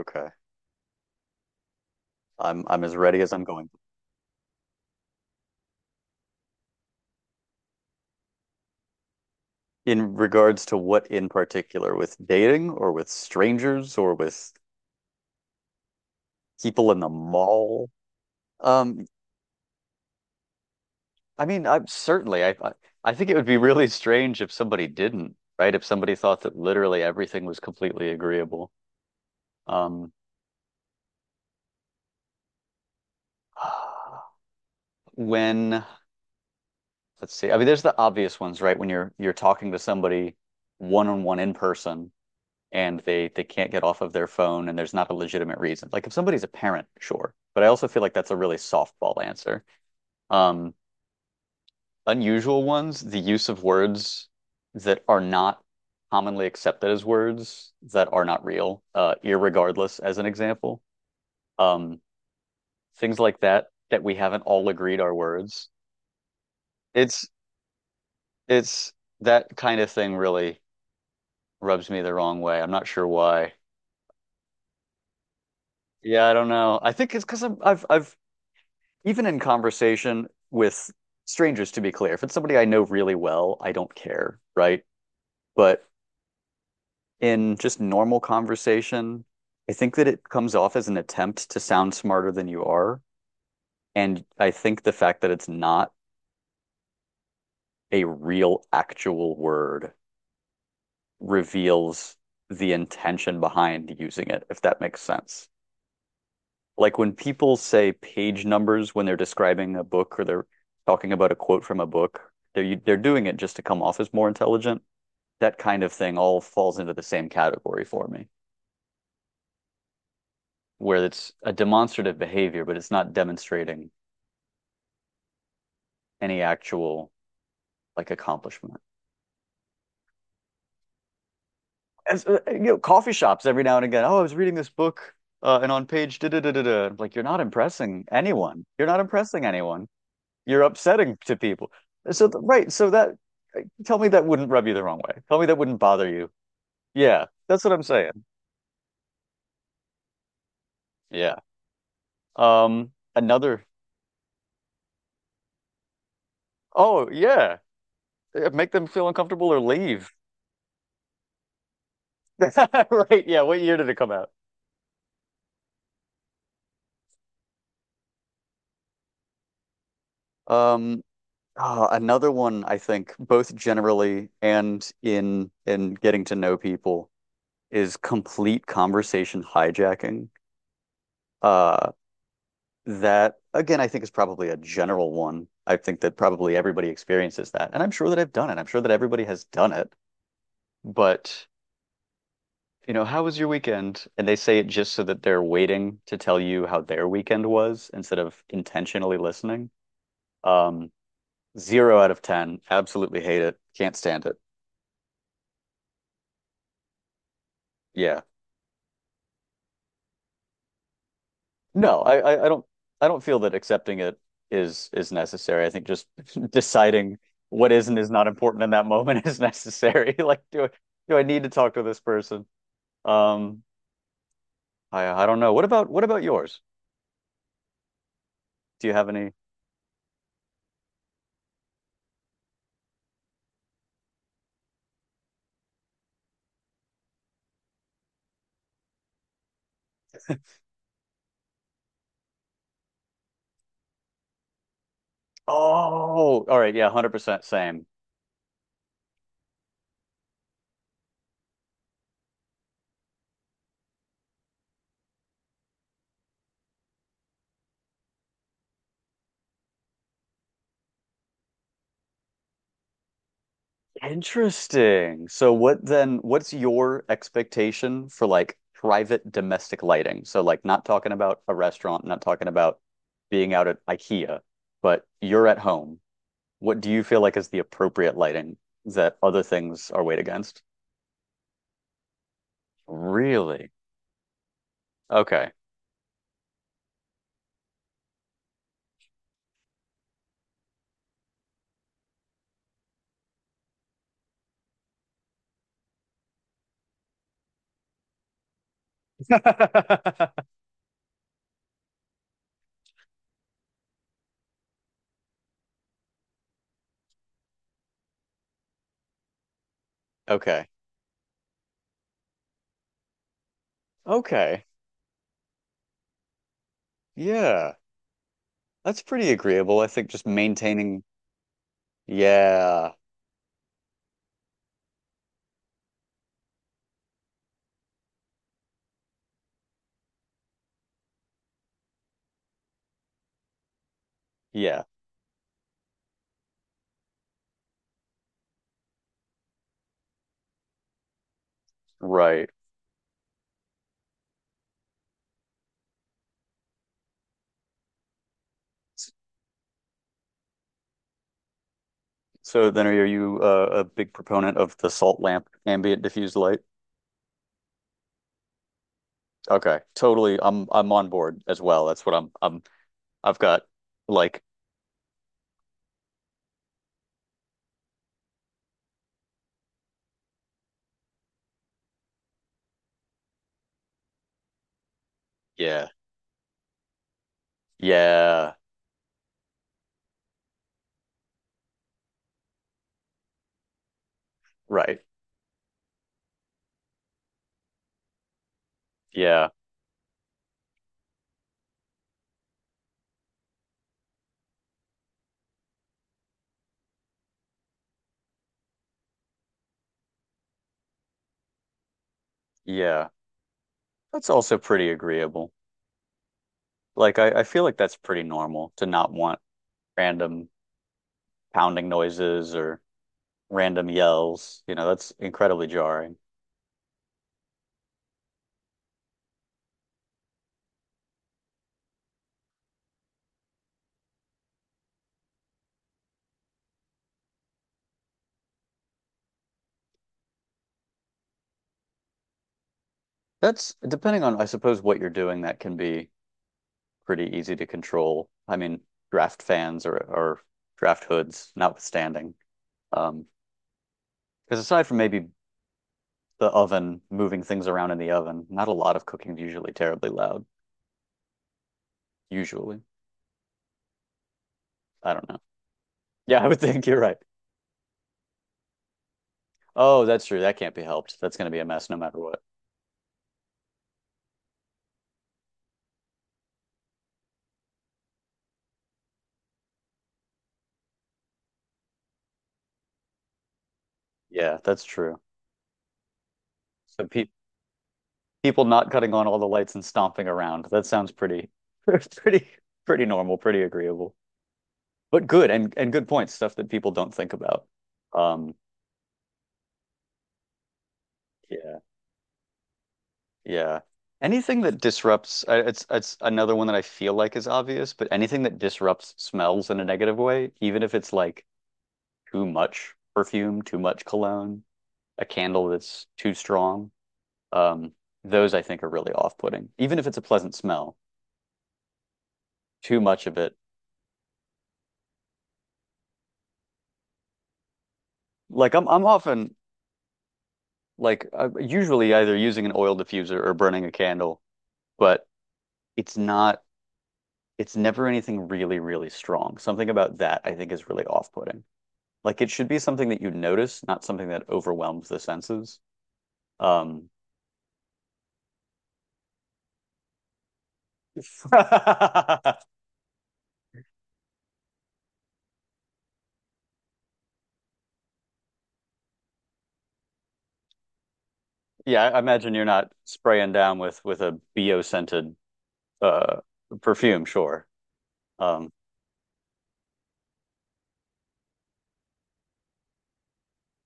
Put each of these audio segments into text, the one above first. Okay. I'm as ready as I'm going. In regards to what in particular, with dating or with strangers or with people in the mall? Um, I mean, I'm certainly I think it would be really strange if somebody didn't, right? If somebody thought that literally everything was completely agreeable. Um, when let's see. I mean, there's the obvious ones, right? When you're talking to somebody one on one in person and they can't get off of their phone and there's not a legitimate reason. Like if somebody's a parent, sure. But I also feel like that's a really softball answer. Um, unusual ones, the use of words that are not commonly accepted as words that are not real, irregardless as an example. Um, things like that that we haven't all agreed are words. It's it's that kind of thing really rubs me the wrong way. I'm not sure why. Yeah, I don't know. I think it's because I've even in conversation with strangers, to be clear, if it's somebody I know really well, I don't care, right? But in just normal conversation, I think that it comes off as an attempt to sound smarter than you are. And I think the fact that it's not a real, actual word reveals the intention behind using it, if that makes sense. Like when people say page numbers when they're describing a book or they're talking about a quote from a book, they're doing it just to come off as more intelligent. That kind of thing all falls into the same category for me, where it's a demonstrative behavior, but it's not demonstrating any actual like accomplishment. As you know, coffee shops every now and again, oh, I was reading this book, and on page da da da da da, like you're not impressing anyone. You're not impressing anyone. You're upsetting to people. So right, so that tell me that wouldn't rub you the wrong way. Tell me that wouldn't bother you. Yeah, that's what I'm saying. Yeah. Another. Oh yeah, make them feel uncomfortable or leave. Right. Yeah. What year did it come out? Um. Another one I think both generally and in getting to know people is complete conversation hijacking. Uh, that again, I think is probably a general one. I think that probably everybody experiences that, and I'm sure that I've done it. I'm sure that everybody has done it, but you know, how was your weekend, and they say it just so that they're waiting to tell you how their weekend was instead of intentionally listening. um zero out of ten, absolutely hate it, can't stand it. Yeah. No, I don't, I don't feel that accepting it is necessary. I think just deciding what is and is not important in that moment is necessary. Like, do I need to talk to this person? Um, I don't know. What about yours? Do you have any? Oh, all right, yeah, 100% same. Interesting. So what then, what's your expectation for like private domestic lighting? So like not talking about a restaurant, not talking about being out at IKEA, but you're at home. What do you feel like is the appropriate lighting that other things are weighed against? Really? Okay. Okay. Okay. Yeah. That's pretty agreeable. I think just maintaining. Yeah. Yeah. Right. So then are you a big proponent of the salt lamp ambient diffused light? Okay. Totally. I'm on board as well. That's what I'm I've got like, yeah. Yeah. Right. Yeah. Yeah. That's also pretty agreeable. Like I feel like that's pretty normal to not want random pounding noises or random yells. You know, that's incredibly jarring. That's depending on, I suppose, what you're doing, that can be pretty easy to control. I mean, draft fans or draft hoods, notwithstanding. Um, because aside from maybe the oven, moving things around in the oven, not a lot of cooking is usually terribly loud. Usually. I don't know. Yeah, I would think you're right. Oh, that's true. That can't be helped. That's going to be a mess no matter what. Yeah, that's true. So pe people not cutting on all the lights and stomping around. That sounds pretty, pretty, pretty normal, pretty agreeable, but good and good points, stuff that people don't think about. Um, yeah, yeah. Anything that disrupts, it's another one that I feel like is obvious, but anything that disrupts smells in a negative way, even if it's like too much perfume, too much cologne, a candle that's too strong, um, those I think are really off-putting. Even if it's a pleasant smell, too much of it. Like I'm often like usually either using an oil diffuser or burning a candle, but it's not, it's never anything really, really strong. Something about that I think is really off-putting. Like it should be something that you notice, not something that overwhelms the senses. Um, yeah, I imagine you're not spraying down with a bio scented uh perfume, sure. Um,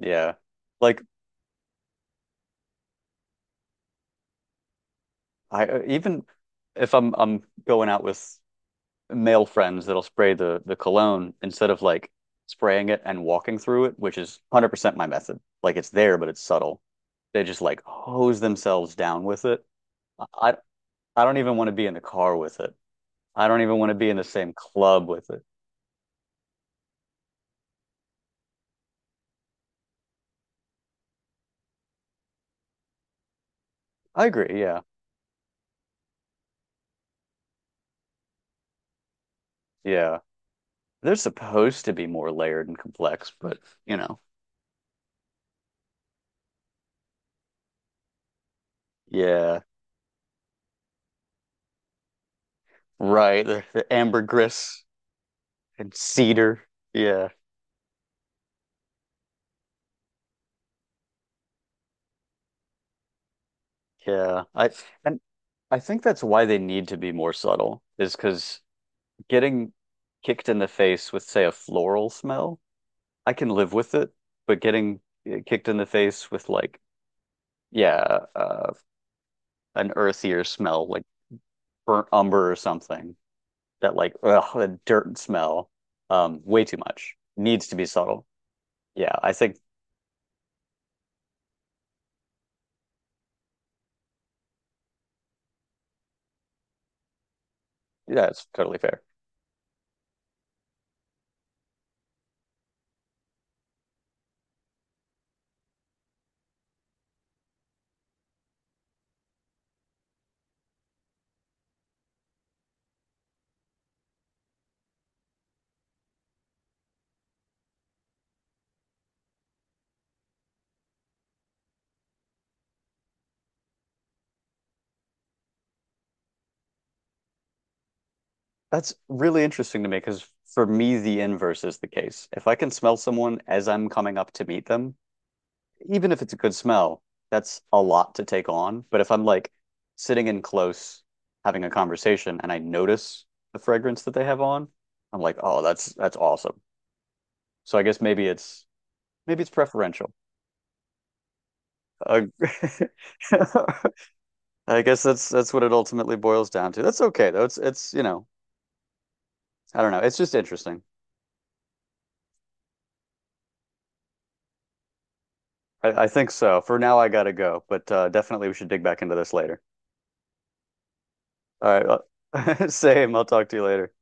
yeah, like I even if I'm going out with male friends that'll spray the cologne instead of like spraying it and walking through it, which is 100% my method. Like it's there, but it's subtle. They just like hose themselves down with it. I I don't even want to be in the car with it. I don't even want to be in the same club with it. I agree, yeah. Yeah. They're supposed to be more layered and complex, but you know. Yeah. Right. The ambergris and cedar. Yeah. Yeah, and I think that's why they need to be more subtle, is because getting kicked in the face with, say, a floral smell, I can live with it, but getting kicked in the face with like, yeah, an earthier smell like burnt umber or something that like, ugh, a dirt smell, way too much. Needs to be subtle. Yeah, I think that's totally fair. That's really interesting to me because for me, the inverse is the case. If I can smell someone as I'm coming up to meet them, even if it's a good smell, that's a lot to take on. But if I'm like sitting in close, having a conversation, and I notice the fragrance that they have on, I'm like, oh, that's awesome. So I guess maybe it's preferential. Uh, I guess that's what it ultimately boils down to. That's okay though. It's you know I don't know. It's just interesting. I think so. For now, I gotta go, but definitely we should dig back into this later. All right, well, same. I'll talk to you later.